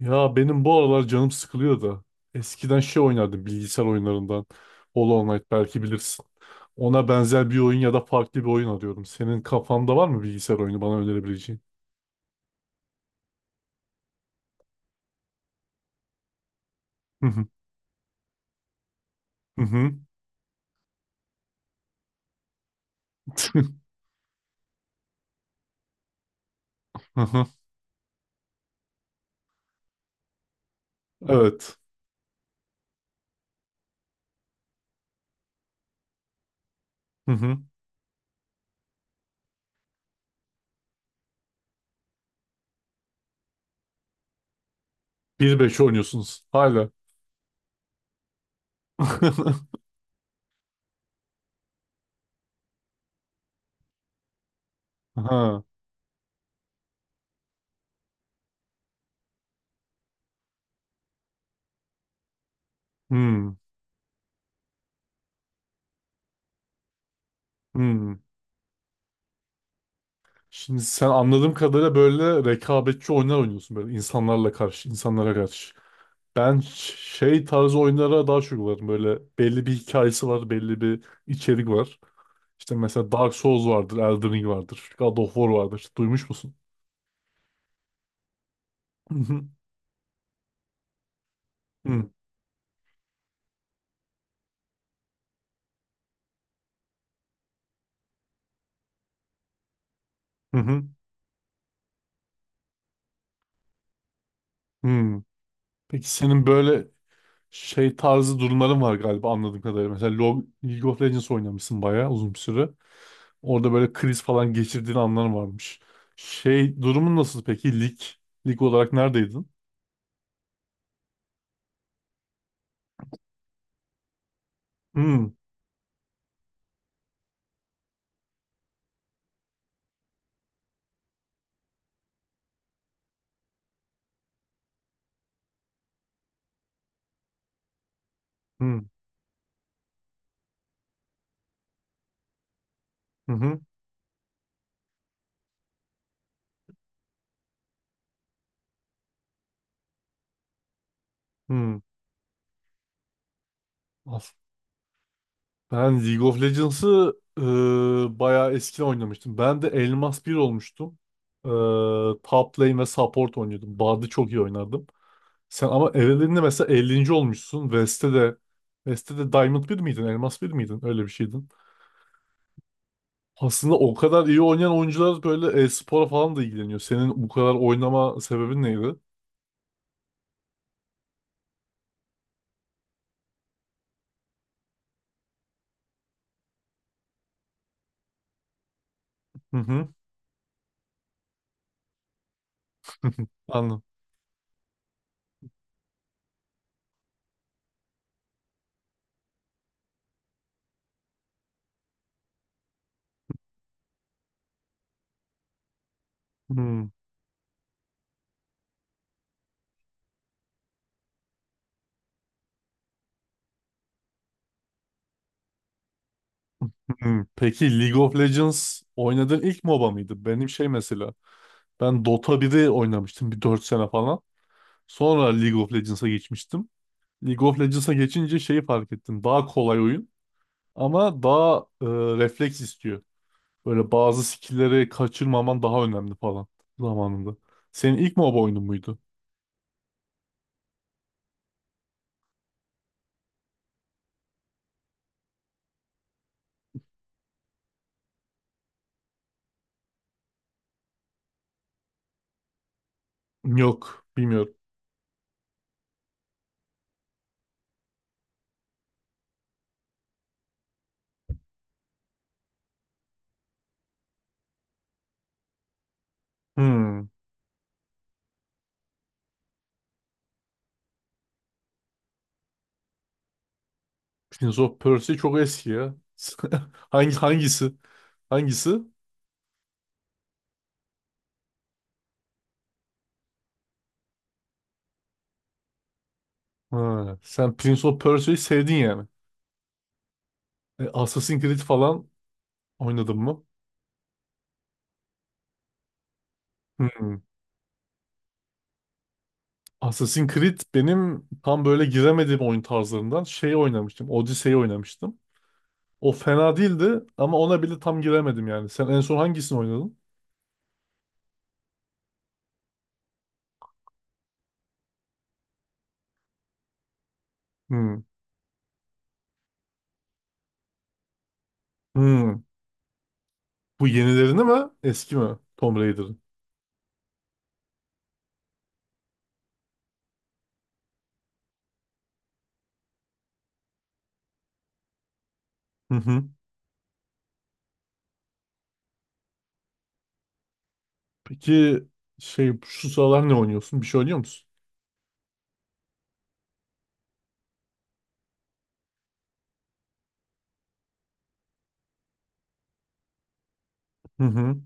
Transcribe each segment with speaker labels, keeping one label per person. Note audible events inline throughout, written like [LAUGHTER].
Speaker 1: Ya benim bu aralar canım sıkılıyor da. Eskiden şey oynardım, bilgisayar oyunlarından. Hollow Knight, belki bilirsin. Ona benzer bir oyun ya da farklı bir oyun arıyorum. Senin kafanda var mı bilgisayar oyunu bana önerebileceğin? Hı hı. Hı hı. [LAUGHS] Hı hı. Evet. Hı hı. 1-5 oynuyorsunuz hala. [LAUGHS] Ha. Hmm. Hmm. Şimdi sen anladığım kadarıyla böyle rekabetçi oyunlar oynuyorsun, böyle insanlarla karşı, insanlara karşı. Ben şey tarzı oyunlara daha çok varım. Böyle belli bir hikayesi var, belli bir içerik var. İşte mesela Dark Souls vardır, Elden Ring vardır, God of War vardır. İşte duymuş musun? Hı hı, hı, hı hı, hı. Peki senin böyle şey tarzı durumların var galiba, anladığım kadarıyla. Mesela League of Legends oynamışsın bayağı uzun bir süre. Orada böyle kriz falan geçirdiğin anlar varmış. Şey durumun nasıl peki? Lig, lig olarak neredeydin? Hı hı, hı hı, hı. Ben League of Legends'ı bayağı eskiden oynamıştım. Ben de Elmas bir olmuştum. E, Top lane ve support oynuyordum. Bard'ı çok iyi oynardım. Sen ama evreninde mesela 50. olmuşsun. West'te de West'te Diamond bir miydin? Elmas bir miydin? Öyle bir şeydin. Aslında o kadar iyi oynayan oyuncular böyle e-spora falan da ilgileniyor. Senin bu kadar oynama sebebin neydi? Hı hı. [LAUGHS] Anladım. Hmm, hmm. Peki League of Legends oynadığın ilk MOBA mıydı? Benim şey mesela. Ben Dota 1'i oynamıştım, bir 4 sene falan. Sonra League of Legends'a geçmiştim. League of Legends'a geçince şeyi fark ettim. Daha kolay oyun, ama daha refleks istiyor. Böyle bazı skill'leri kaçırmaman daha önemli falan zamanında. Senin ilk MOBA oyunun muydu? Yok, bilmiyorum. Hmm. Prince of Persia çok eski ya. [LAUGHS] Hangisi? Hangisi? Ha, sen Prince of Persia'yı sevdin yani. Assassin's Creed falan oynadın mı? Hmm. Assassin's Creed benim tam böyle giremediğim oyun tarzlarından. Şey oynamıştım, Odyssey'i oynamıştım. O fena değildi ama ona bile tam giremedim yani. Sen en son hangisini oynadın? Hmm. Hmm. Bu yenilerini mi? Eski mi? Tomb Raider'ın. Hı hı. Peki şey, şu sıralar ne oynuyorsun? Bir şey oynuyor musun? Hı hı.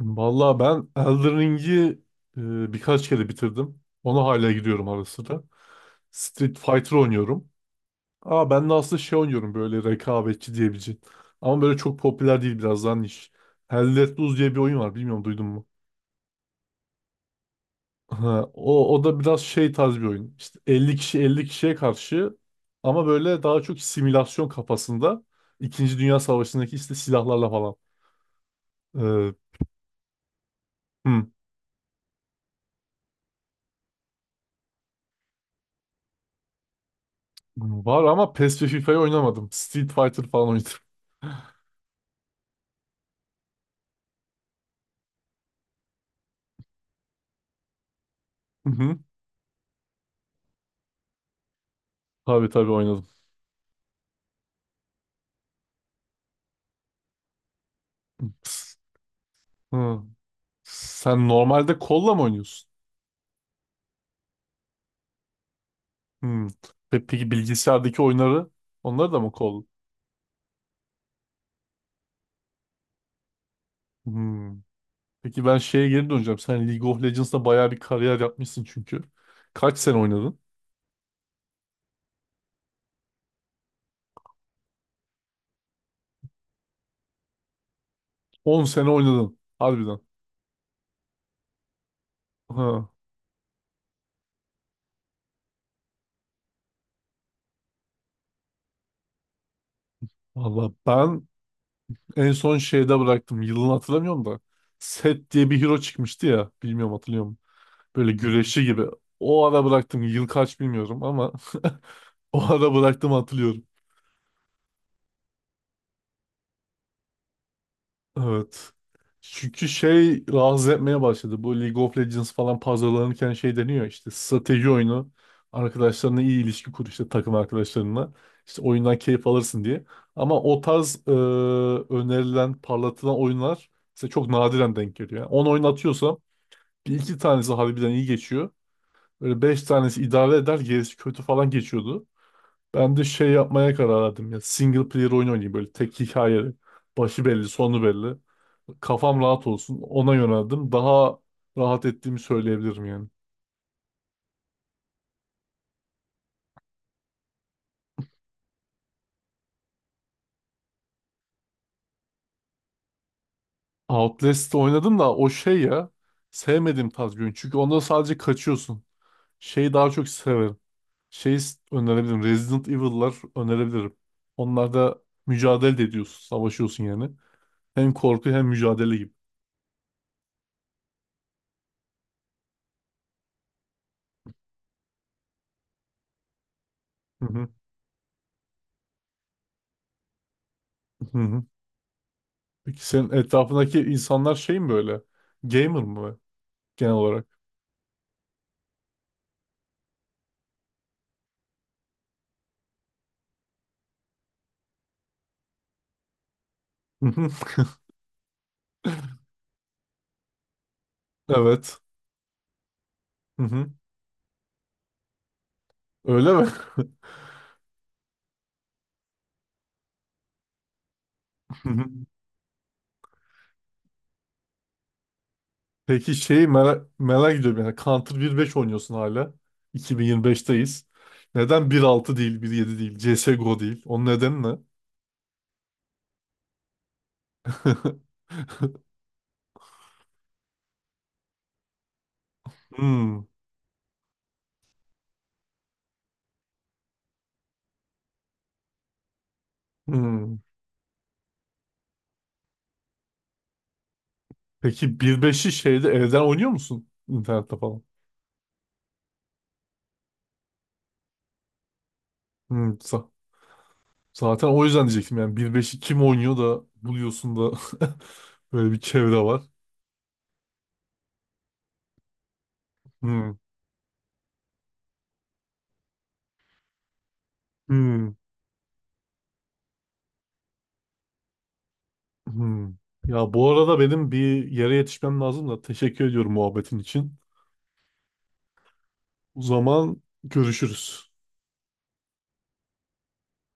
Speaker 1: Vallahi ben Elden Ring'i birkaç kere bitirdim. Ona hala gidiyorum ara sıra. Street Fighter oynuyorum. Aa, ben de aslında şey oynuyorum, böyle rekabetçi diyebileceğin. Ama böyle çok popüler değil, biraz daha niş. Hell Let Loose diye bir oyun var, bilmiyorum duydun mu? [LAUGHS] Ha, o, o da biraz şey tarz bir oyun. İşte 50 kişi 50 kişiye karşı, ama böyle daha çok simülasyon kafasında. İkinci Dünya Savaşı'ndaki işte silahlarla falan. Ee, hmm. Var ama PES ve FIFA'yı oynamadım. Street Fighter falan oynadım. [LAUGHS] Hı hı. Tabii tabii oynadım. Hı. Sen normalde kolla mı oynuyorsun? Hmm. Peki bilgisayardaki oyunları, onları da mı kol? Hmm. Peki ben şeye geri döneceğim. Sen League of Legends'da bayağı bir kariyer yapmışsın çünkü. Kaç sene oynadın? 10 sene oynadın. Harbiden. Ha. Valla ben en son şeyde bıraktım. Yılını hatırlamıyorum da. Set diye bir hero çıkmıştı ya. Bilmiyorum, hatırlıyor musun? Böyle güreşçi gibi. O ara bıraktım. Yıl kaç bilmiyorum ama [LAUGHS] o ara bıraktım, hatırlıyorum. Evet. Çünkü şey rahatsız etmeye başladı. Bu League of Legends falan pazarlanırken şey deniyor, işte strateji oyunu. Arkadaşlarına iyi ilişki kur, işte takım arkadaşlarına. İşte oyundan keyif alırsın diye. Ama o tarz önerilen, parlatılan oyunlar size çok nadiren denk geliyor. Yani 10 oyun atıyorsam bir iki tanesi harbiden iyi geçiyor. Böyle 5 tanesi idare eder, gerisi kötü falan geçiyordu. Ben de şey yapmaya karar verdim ya. Single player oyun oynayayım, böyle tek hikaye. Başı belli, sonu belli. Kafam rahat olsun. Ona yöneldim. Daha rahat ettiğimi söyleyebilirim yani. Outlast'ı oynadım da o şey ya. Sevmediğim tarz bir oyun. Çünkü onda sadece kaçıyorsun. Şeyi daha çok severim. Şey önerebilirim, Resident Evil'lar önerebilirim. Onlarda mücadele de ediyorsun. Savaşıyorsun yani. Hem korku hem mücadele gibi. Hı hı. Hı hı. Peki senin etrafındaki insanlar şey mi böyle? Gamer mı? Genel olarak. Hı hı. Evet. Hı hı. Öyle mi? [LAUGHS] Hı hı. Peki şeyi merak ediyorum, yani Counter 1.5 oynuyorsun hala. 2025'teyiz. Neden 1.6 değil, 1.7 değil, CSGO değil? Onun nedeni ne? [LAUGHS] Hmm, hmm. Peki 1.5'i şeyde evden oynuyor musun? İnternette falan. Hmm, zaten o yüzden diyecektim yani 1.5'i kim oynuyor da buluyorsun da [LAUGHS] böyle bir çevre var. Hmm, hmm. Hmm. Ya bu arada benim bir yere yetişmem lazım da, teşekkür ediyorum muhabbetin için. O zaman görüşürüz.